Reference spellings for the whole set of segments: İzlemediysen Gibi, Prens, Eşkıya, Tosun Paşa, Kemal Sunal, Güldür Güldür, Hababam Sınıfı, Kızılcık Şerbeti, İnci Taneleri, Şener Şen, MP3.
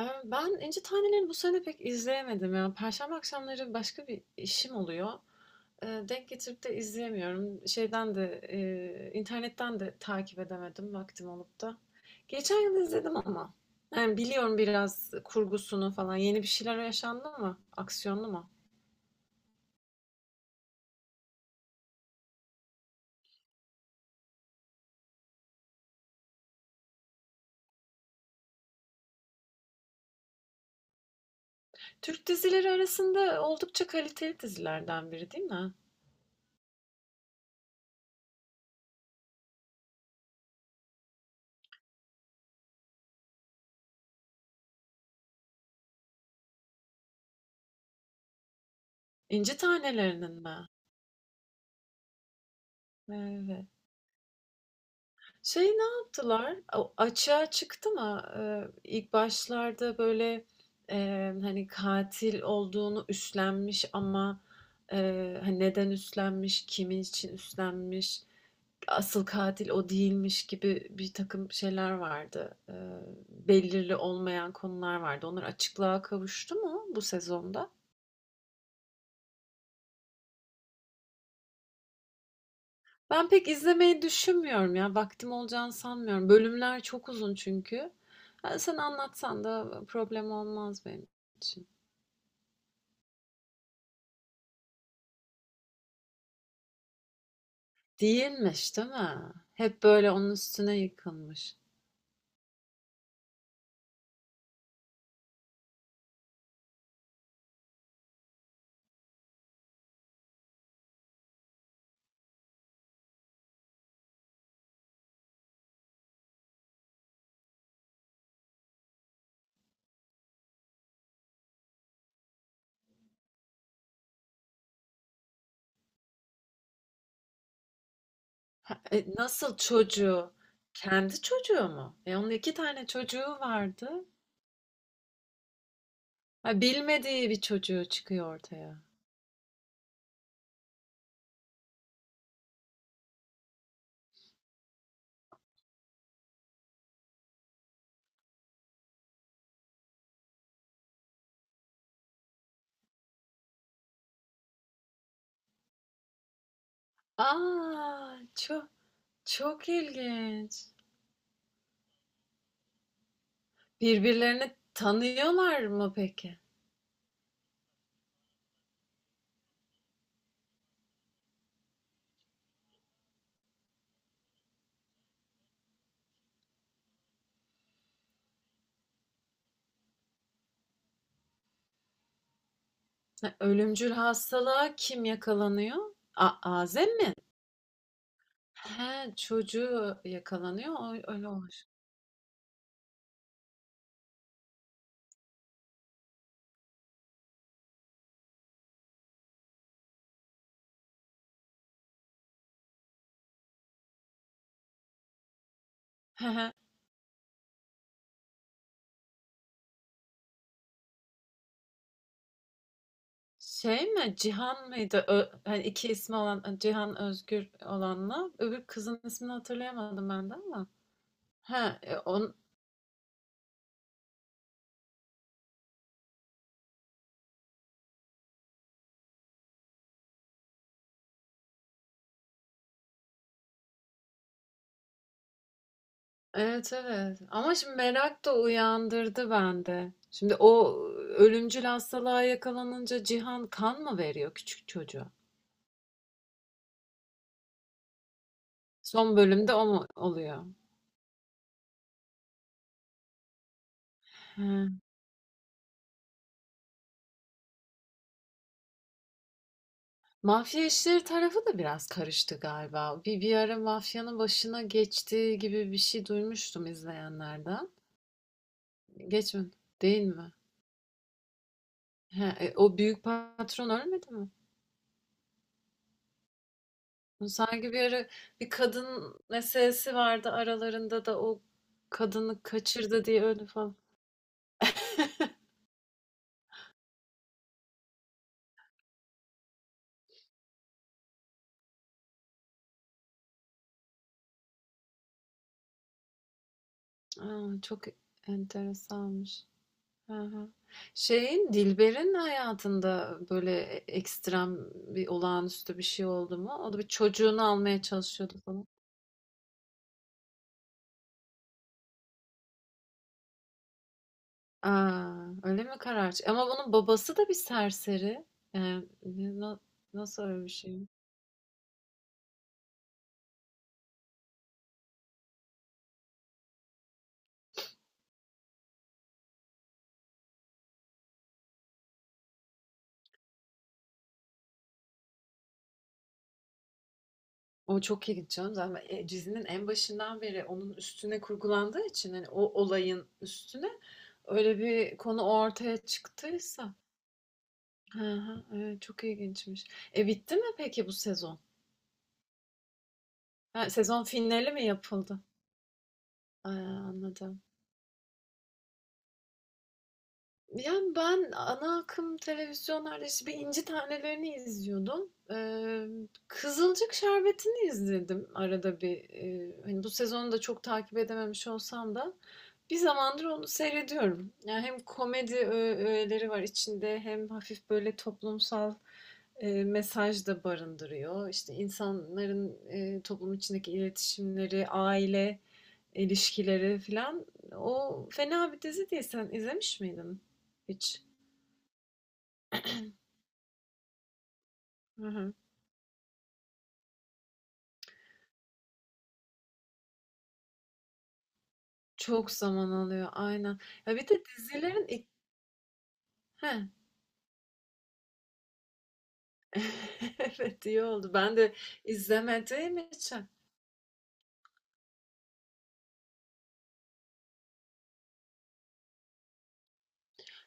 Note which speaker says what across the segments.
Speaker 1: Ben İnci Taneleri'ni bu sene pek izleyemedim ya. Perşembe akşamları başka bir işim oluyor. Denk getirip de izleyemiyorum. Şeyden de, internetten de takip edemedim vaktim olup da. Geçen yıl izledim ama. Yani biliyorum biraz kurgusunu falan. Yeni bir şeyler yaşandı mı? Aksiyonlu mu? Türk dizileri arasında oldukça kaliteli dizilerden biri değil mi? İnci Taneleri'nin mi? Evet. Ne yaptılar? O açığa çıktı mı? İlk başlarda böyle e, hani katil olduğunu üstlenmiş ama e, hani neden üstlenmiş, kimin için üstlenmiş, asıl katil o değilmiş gibi bir takım şeyler vardı. Belirli olmayan konular vardı. Onlar açıklığa kavuştu mu bu sezonda? Ben pek izlemeyi düşünmüyorum ya. Vaktim olacağını sanmıyorum. Bölümler çok uzun çünkü. Ha, sen anlatsan da problem olmaz benim için. Değilmiş, değil mi? Hep böyle onun üstüne yıkılmış. Ha, nasıl çocuğu? Kendi çocuğu mu? E onun iki tane çocuğu vardı. Ha, bilmediği bir çocuğu çıkıyor ortaya. Aa, çok çok ilginç. Birbirlerini tanıyorlar mı peki? Ha, ölümcül hastalığa kim yakalanıyor? Azem mi? He, çocuğu yakalanıyor. O, öyle olur. He he. Şey mi? Cihan mıydı? Hani iki ismi olan Cihan Özgür olanla. Öbür kızın ismini hatırlayamadım ben de ama. He, evet evet. Ama şimdi merak da uyandırdı bende. Şimdi o ölümcül hastalığa yakalanınca Cihan kan mı veriyor küçük çocuğa? Son bölümde o mu oluyor? He. Mafya işleri tarafı da biraz karıştı galiba. Bir ara mafyanın başına geçtiği gibi bir şey duymuştum izleyenlerden. Geç Değil mi? He, o büyük patron ölmedi mi? Sanki bir ara bir kadın meselesi vardı aralarında da o kadını kaçırdı diye öldü falan. Aa, çok enteresanmış. Hı hı. Şeyin, Dilber'in hayatında böyle ekstrem bir olağanüstü bir şey oldu mu? O da bir çocuğunu almaya çalışıyordu falan. Aa, öyle mi karar? Ama bunun babası da bir serseri. Yani nasıl öyle bir şey? O çok ilginç canım. Zaten dizinin en başından beri onun üstüne kurgulandığı için hani o olayın üstüne öyle bir konu ortaya çıktıysa. Hı hı, evet, çok ilginçmiş. E bitti mi peki bu sezon? Ha, sezon finali mi yapıldı? Ay, anladım. Yani ben ana akım televizyonlarda işte bir İnci Taneleri'ni izliyordum. Kızılcık Şerbeti'ni izledim arada bir. Hani bu sezonu da çok takip edememiş olsam da bir zamandır onu seyrediyorum. Yani hem komedi öğeleri var içinde hem hafif böyle toplumsal mesaj da barındırıyor. İşte insanların toplum içindeki iletişimleri, aile ilişkileri filan. O fena bir dizi değil. Sen izlemiş miydin hiç? Hı hı. Çok zaman alıyor aynen. Ya bir de dizilerin ilk... Heh. Evet iyi oldu. Ben de izlemediğim için.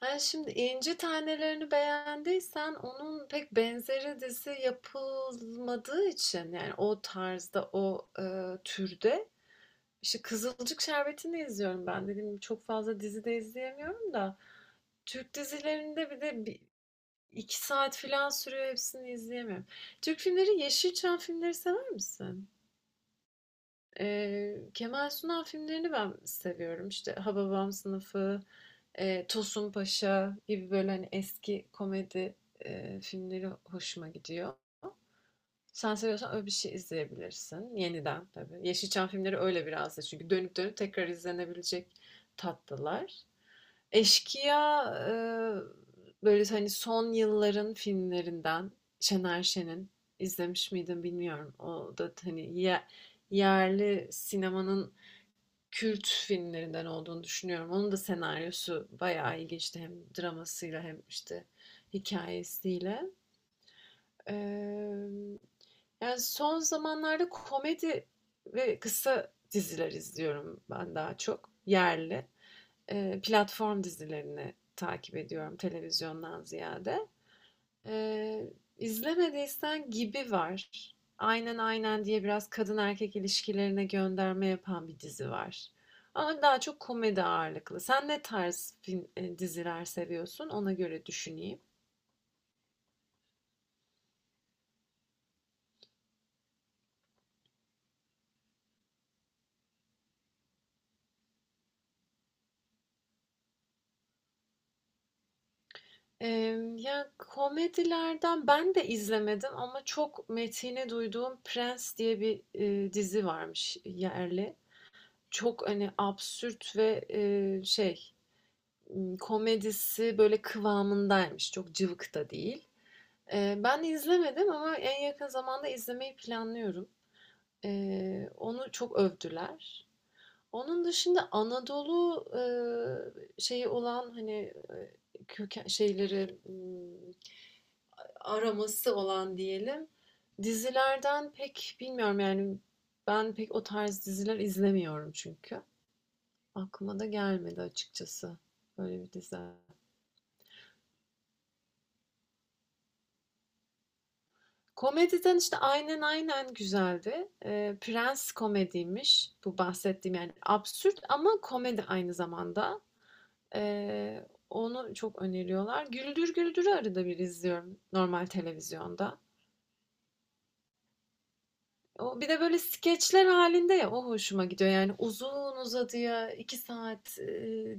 Speaker 1: Ha, şimdi İnci Tanelerini beğendiysen onun pek benzeri dizi yapılmadığı için yani o tarzda o türde işte Kızılcık Şerbeti'ni izliyorum ben. Dediğim gibi çok fazla dizi de izleyemiyorum da Türk dizilerinde bir de 2 saat filan sürüyor hepsini izleyemem. Türk filmleri, Yeşilçam filmleri sever misin? Kemal Sunal filmlerini ben seviyorum. İşte Hababam Sınıfı, Tosun Paşa gibi böyle hani eski komedi filmleri hoşuma gidiyor. Sen seviyorsan öyle bir şey izleyebilirsin. Yeniden tabii. Yeşilçam filmleri öyle biraz da çünkü dönüp dönüp tekrar izlenebilecek tatlılar. Eşkıya, böyle, hani, son yılların filmlerinden Şener Şen'in. İzlemiş miydin bilmiyorum. O da, hani, yerli sinemanın kült filmlerinden olduğunu düşünüyorum. Onun da senaryosu bayağı ilginçti hem dramasıyla hem, işte, hikayesiyle. Emm, yani, son zamanlarda komedi ve kısa diziler izliyorum ben daha çok yerli. Platform dizilerini takip ediyorum televizyondan ziyade. Eee, İzlemediysen Gibi var. Aynen Aynen diye biraz kadın erkek ilişkilerine gönderme yapan bir dizi var. Ama daha çok komedi ağırlıklı. Sen ne tarz film, diziler seviyorsun? Ona göre düşüneyim. Ya komedilerden ben de izlemedim ama çok metini duyduğum Prens diye bir dizi varmış yerli. Çok hani absürt ve şey komedisi böyle kıvamındaymış. Çok cıvık da değil. Ben izlemedim ama en yakın zamanda izlemeyi planlıyorum. Onu çok övdüler. Onun dışında Anadolu şeyi olan hani köken şeyleri araması olan diyelim. Dizilerden pek bilmiyorum yani ben pek o tarz diziler izlemiyorum çünkü. Aklıma da gelmedi açıkçası. Böyle bir dizi. Komediden işte Aynen Aynen güzeldi. Prens komediymiş bu bahsettiğim yani absürt ama komedi aynı zamanda. Ee, onu çok öneriyorlar. Güldür Güldür'ü arada bir izliyorum normal televizyonda. O bir de böyle skeçler halinde ya o hoşuma gidiyor. Yani uzun uzadıya 2 saat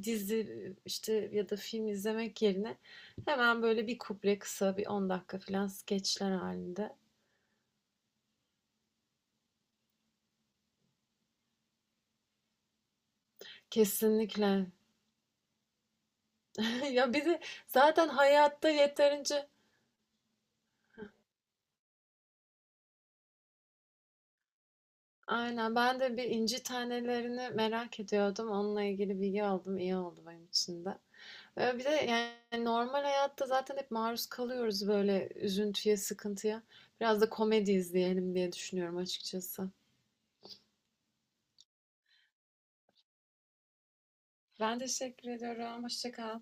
Speaker 1: dizi işte ya da film izlemek yerine hemen böyle bir kuple kısa bir 10 dakika falan skeçler halinde. Kesinlikle. Ya bizi zaten hayatta yeterince... Aynen, ben de bir inci tanelerini merak ediyordum. Onunla ilgili bilgi aldım. İyi oldu benim için de. Ve bir de yani normal hayatta zaten hep maruz kalıyoruz böyle üzüntüye, sıkıntıya. Biraz da komedi izleyelim diye düşünüyorum açıkçası. Ben teşekkür ediyorum. Hoşça kal.